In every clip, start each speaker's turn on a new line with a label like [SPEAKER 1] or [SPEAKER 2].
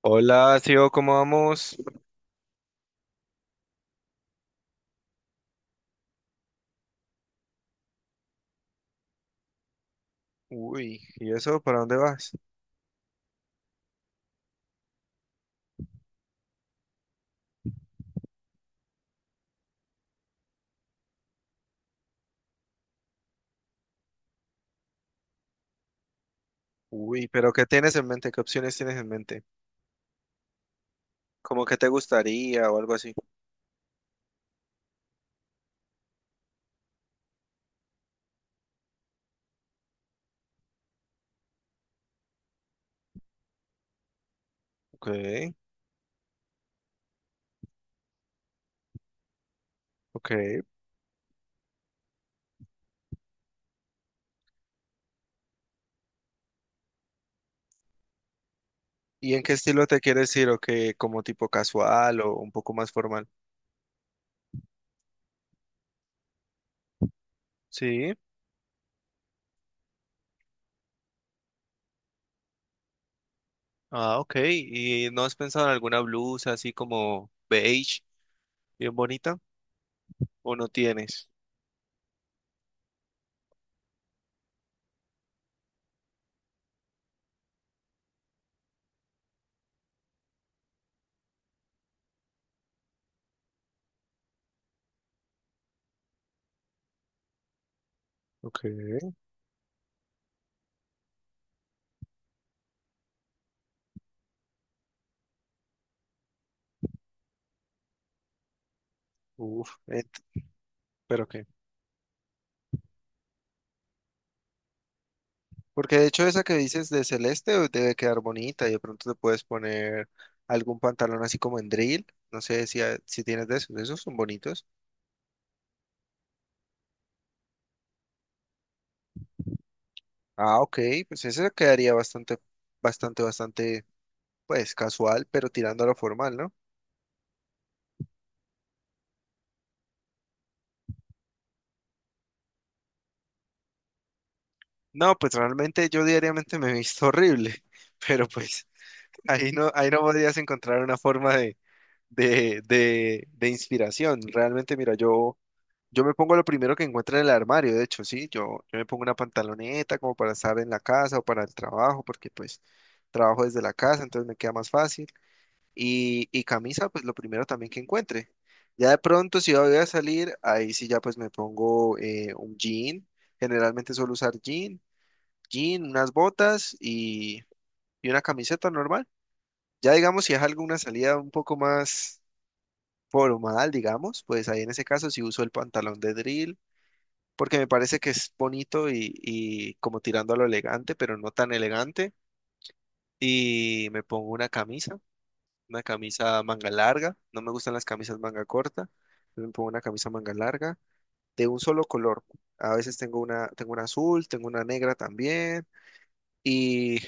[SPEAKER 1] Hola, tío, ¿cómo vamos? Uy, ¿y eso? ¿Para dónde vas? Uy, pero ¿qué tienes en mente? ¿Qué opciones tienes en mente? ¿Cómo que te gustaría o algo así? Ok, ok. ¿Y en qué estilo te quieres ir? ¿O qué? ¿Como tipo casual o un poco más formal? Sí. Ah, ok. ¿Y no has pensado en alguna blusa así como beige, bien bonita? ¿O no tienes? Ok. Uf, ent- ¿Pero qué? Porque de hecho esa que dices de celeste debe quedar bonita y de pronto te puedes poner algún pantalón así como en drill. No sé si tienes de esos. Esos son bonitos. Ah, ok. Pues ese quedaría bastante, bastante, bastante, pues casual, pero tirando a lo formal, ¿no? No, pues realmente yo diariamente me he visto horrible, pero pues ahí no podrías encontrar una forma de inspiración. Realmente, mira, yo... Yo me pongo lo primero que encuentre en el armario, de hecho, sí, yo me pongo una pantaloneta como para estar en la casa o para el trabajo, porque pues trabajo desde la casa, entonces me queda más fácil. Y camisa, pues lo primero también que encuentre. Ya de pronto, si voy a salir, ahí sí ya pues me pongo un jean, generalmente suelo usar jean, jean, unas botas y una camiseta normal. Ya digamos, si es alguna salida un poco más formal, digamos, pues ahí en ese caso sí uso el pantalón de drill porque me parece que es bonito y como tirando a lo elegante, pero no tan elegante. Y me pongo una camisa manga larga. No me gustan las camisas manga corta. Me pongo una camisa manga larga de un solo color. A veces tengo una azul, tengo una negra también. Y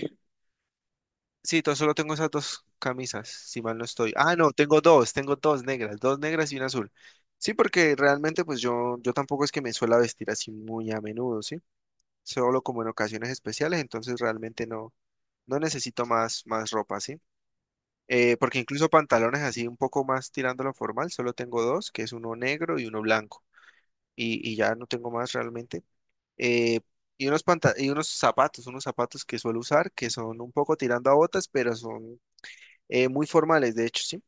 [SPEAKER 1] sí, solo tengo esas dos camisas, si mal no estoy. Ah, no, tengo dos negras y una azul. Sí, porque realmente pues yo tampoco es que me suela vestir así muy a menudo, ¿sí? Solo como en ocasiones especiales, entonces realmente no, no necesito más, más ropa, ¿sí? Porque incluso pantalones así un poco más tirándolo formal, solo tengo dos, que es uno negro y uno blanco, y ya no tengo más realmente. Eh, y y unos zapatos que suelo usar, que son un poco tirando a botas, pero son muy formales, de hecho, ¿sí?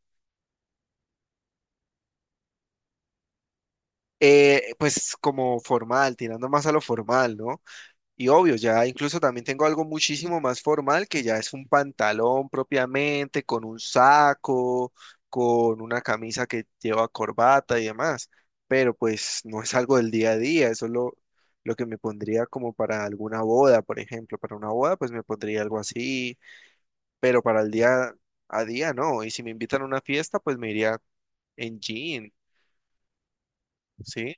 [SPEAKER 1] Pues como formal, tirando más a lo formal, ¿no? Y obvio, ya incluso también tengo algo muchísimo más formal que ya es un pantalón propiamente, con un saco, con una camisa que lleva corbata y demás. Pero pues no es algo del día a día, eso es lo que me pondría como para alguna boda, por ejemplo. Para una boda pues me pondría algo así, pero para el día a día no. Y si me invitan a una fiesta pues me iría en jean, ¿sí?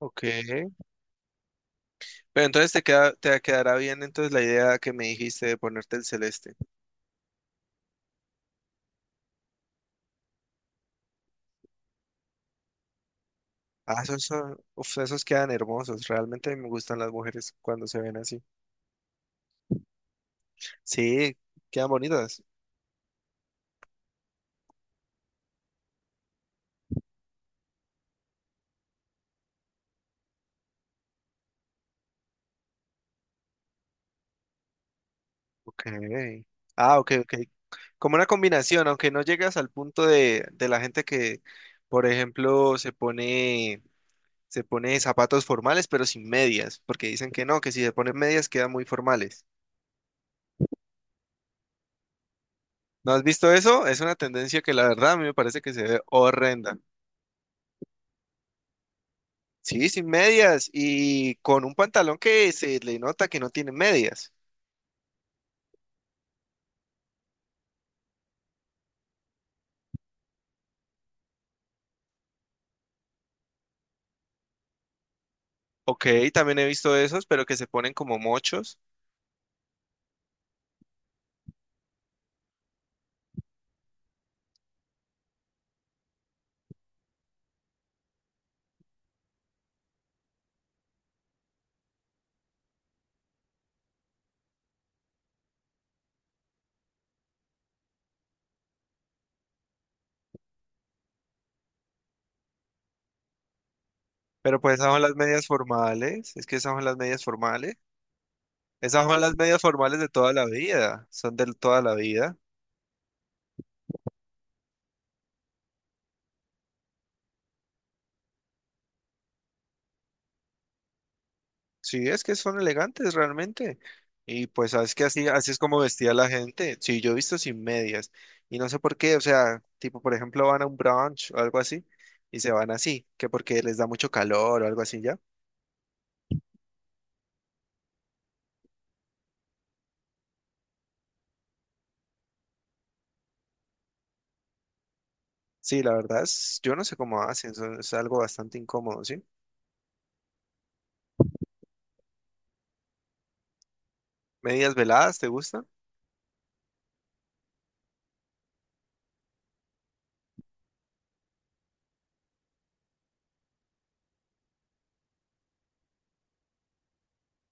[SPEAKER 1] Ok. Pero entonces te queda, te quedará bien entonces la idea que me dijiste de ponerte el celeste. Ah, esos son, uf, esos quedan hermosos. Realmente me gustan las mujeres cuando se ven así. Sí, quedan bonitas. Ok. Ah, ok, ok. Como una combinación, aunque no llegas al punto de la gente que, por ejemplo, se pone zapatos formales, pero sin medias, porque dicen que no, que si se ponen medias quedan muy formales. ¿No has visto eso? Es una tendencia que la verdad a mí me parece que se ve horrenda. Sí, sin medias y con un pantalón que se le nota que no tiene medias. Ok, también he visto esos, pero que se ponen como mochos. Pero pues esas son las medias formales, es que esas son las medias formales. Esas son las medias formales de toda la vida, son de toda la vida. Sí, es que son elegantes realmente. Y pues sabes que así, así es como vestía la gente. Sí, yo he visto sin medias. Y no sé por qué, o sea, tipo, por ejemplo, van a un brunch o algo así y se van así, que porque les da mucho calor o algo así ya. Sí, la verdad es, yo no sé cómo hacen, es algo bastante incómodo, ¿sí? Medias veladas, ¿te gustan?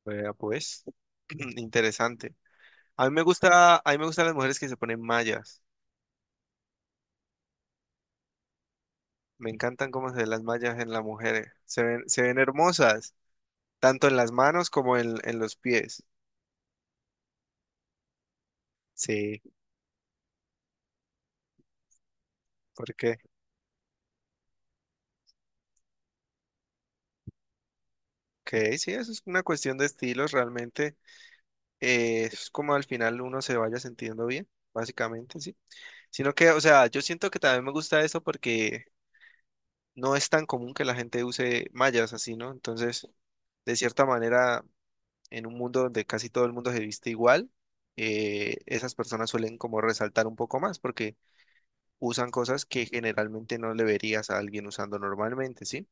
[SPEAKER 1] Vea, pues, interesante. A mí me gusta, a mí me gustan las mujeres que se ponen mallas. Me encantan cómo se ven las mallas en las mujeres. Se ven hermosas, tanto en las manos como en los pies. Sí, porque, ok, sí, eso es una cuestión de estilos realmente. Eh, es como al final uno se vaya sintiendo bien, básicamente, sí. Sino que, o sea, yo siento que también me gusta eso porque no es tan común que la gente use mallas así, ¿no? Entonces, de cierta manera, en un mundo donde casi todo el mundo se viste igual, esas personas suelen como resaltar un poco más porque usan cosas que generalmente no le verías a alguien usando normalmente, ¿sí?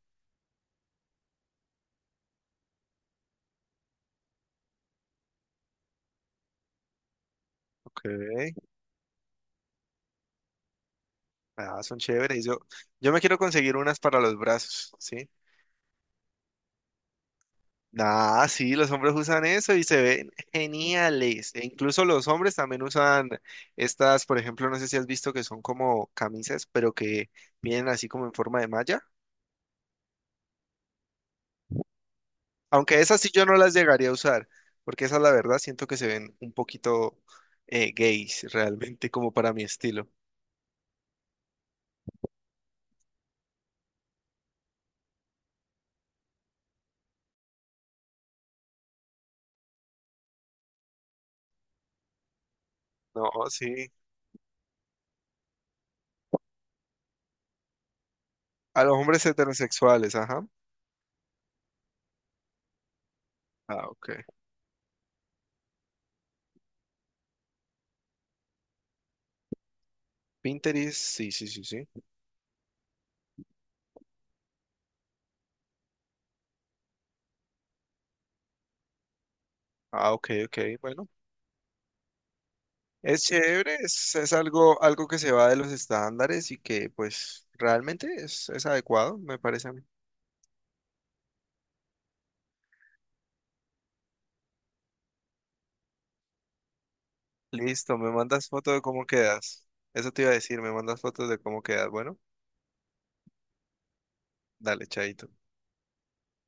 [SPEAKER 1] Ok. Ah, son chéveres. Yo me quiero conseguir unas para los brazos, ¿sí? Ah, sí, los hombres usan eso y se ven geniales. E incluso los hombres también usan estas, por ejemplo, no sé si has visto que son como camisas, pero que vienen así como en forma de malla. Aunque esas sí yo no las llegaría a usar, porque esas la verdad siento que se ven un poquito gays realmente, como para mi estilo. No, sí. A los hombres heterosexuales, ajá. Ah, ok. Pinterest, sí, sí, sí, sí. Ah, ok, ok, bueno. Es chévere, es algo, algo que se va de los estándares y que pues realmente es adecuado, me parece a mí. Listo, me mandas foto de cómo quedas. Eso te iba a decir, me mandas fotos de cómo quedas. Bueno, dale, chaito.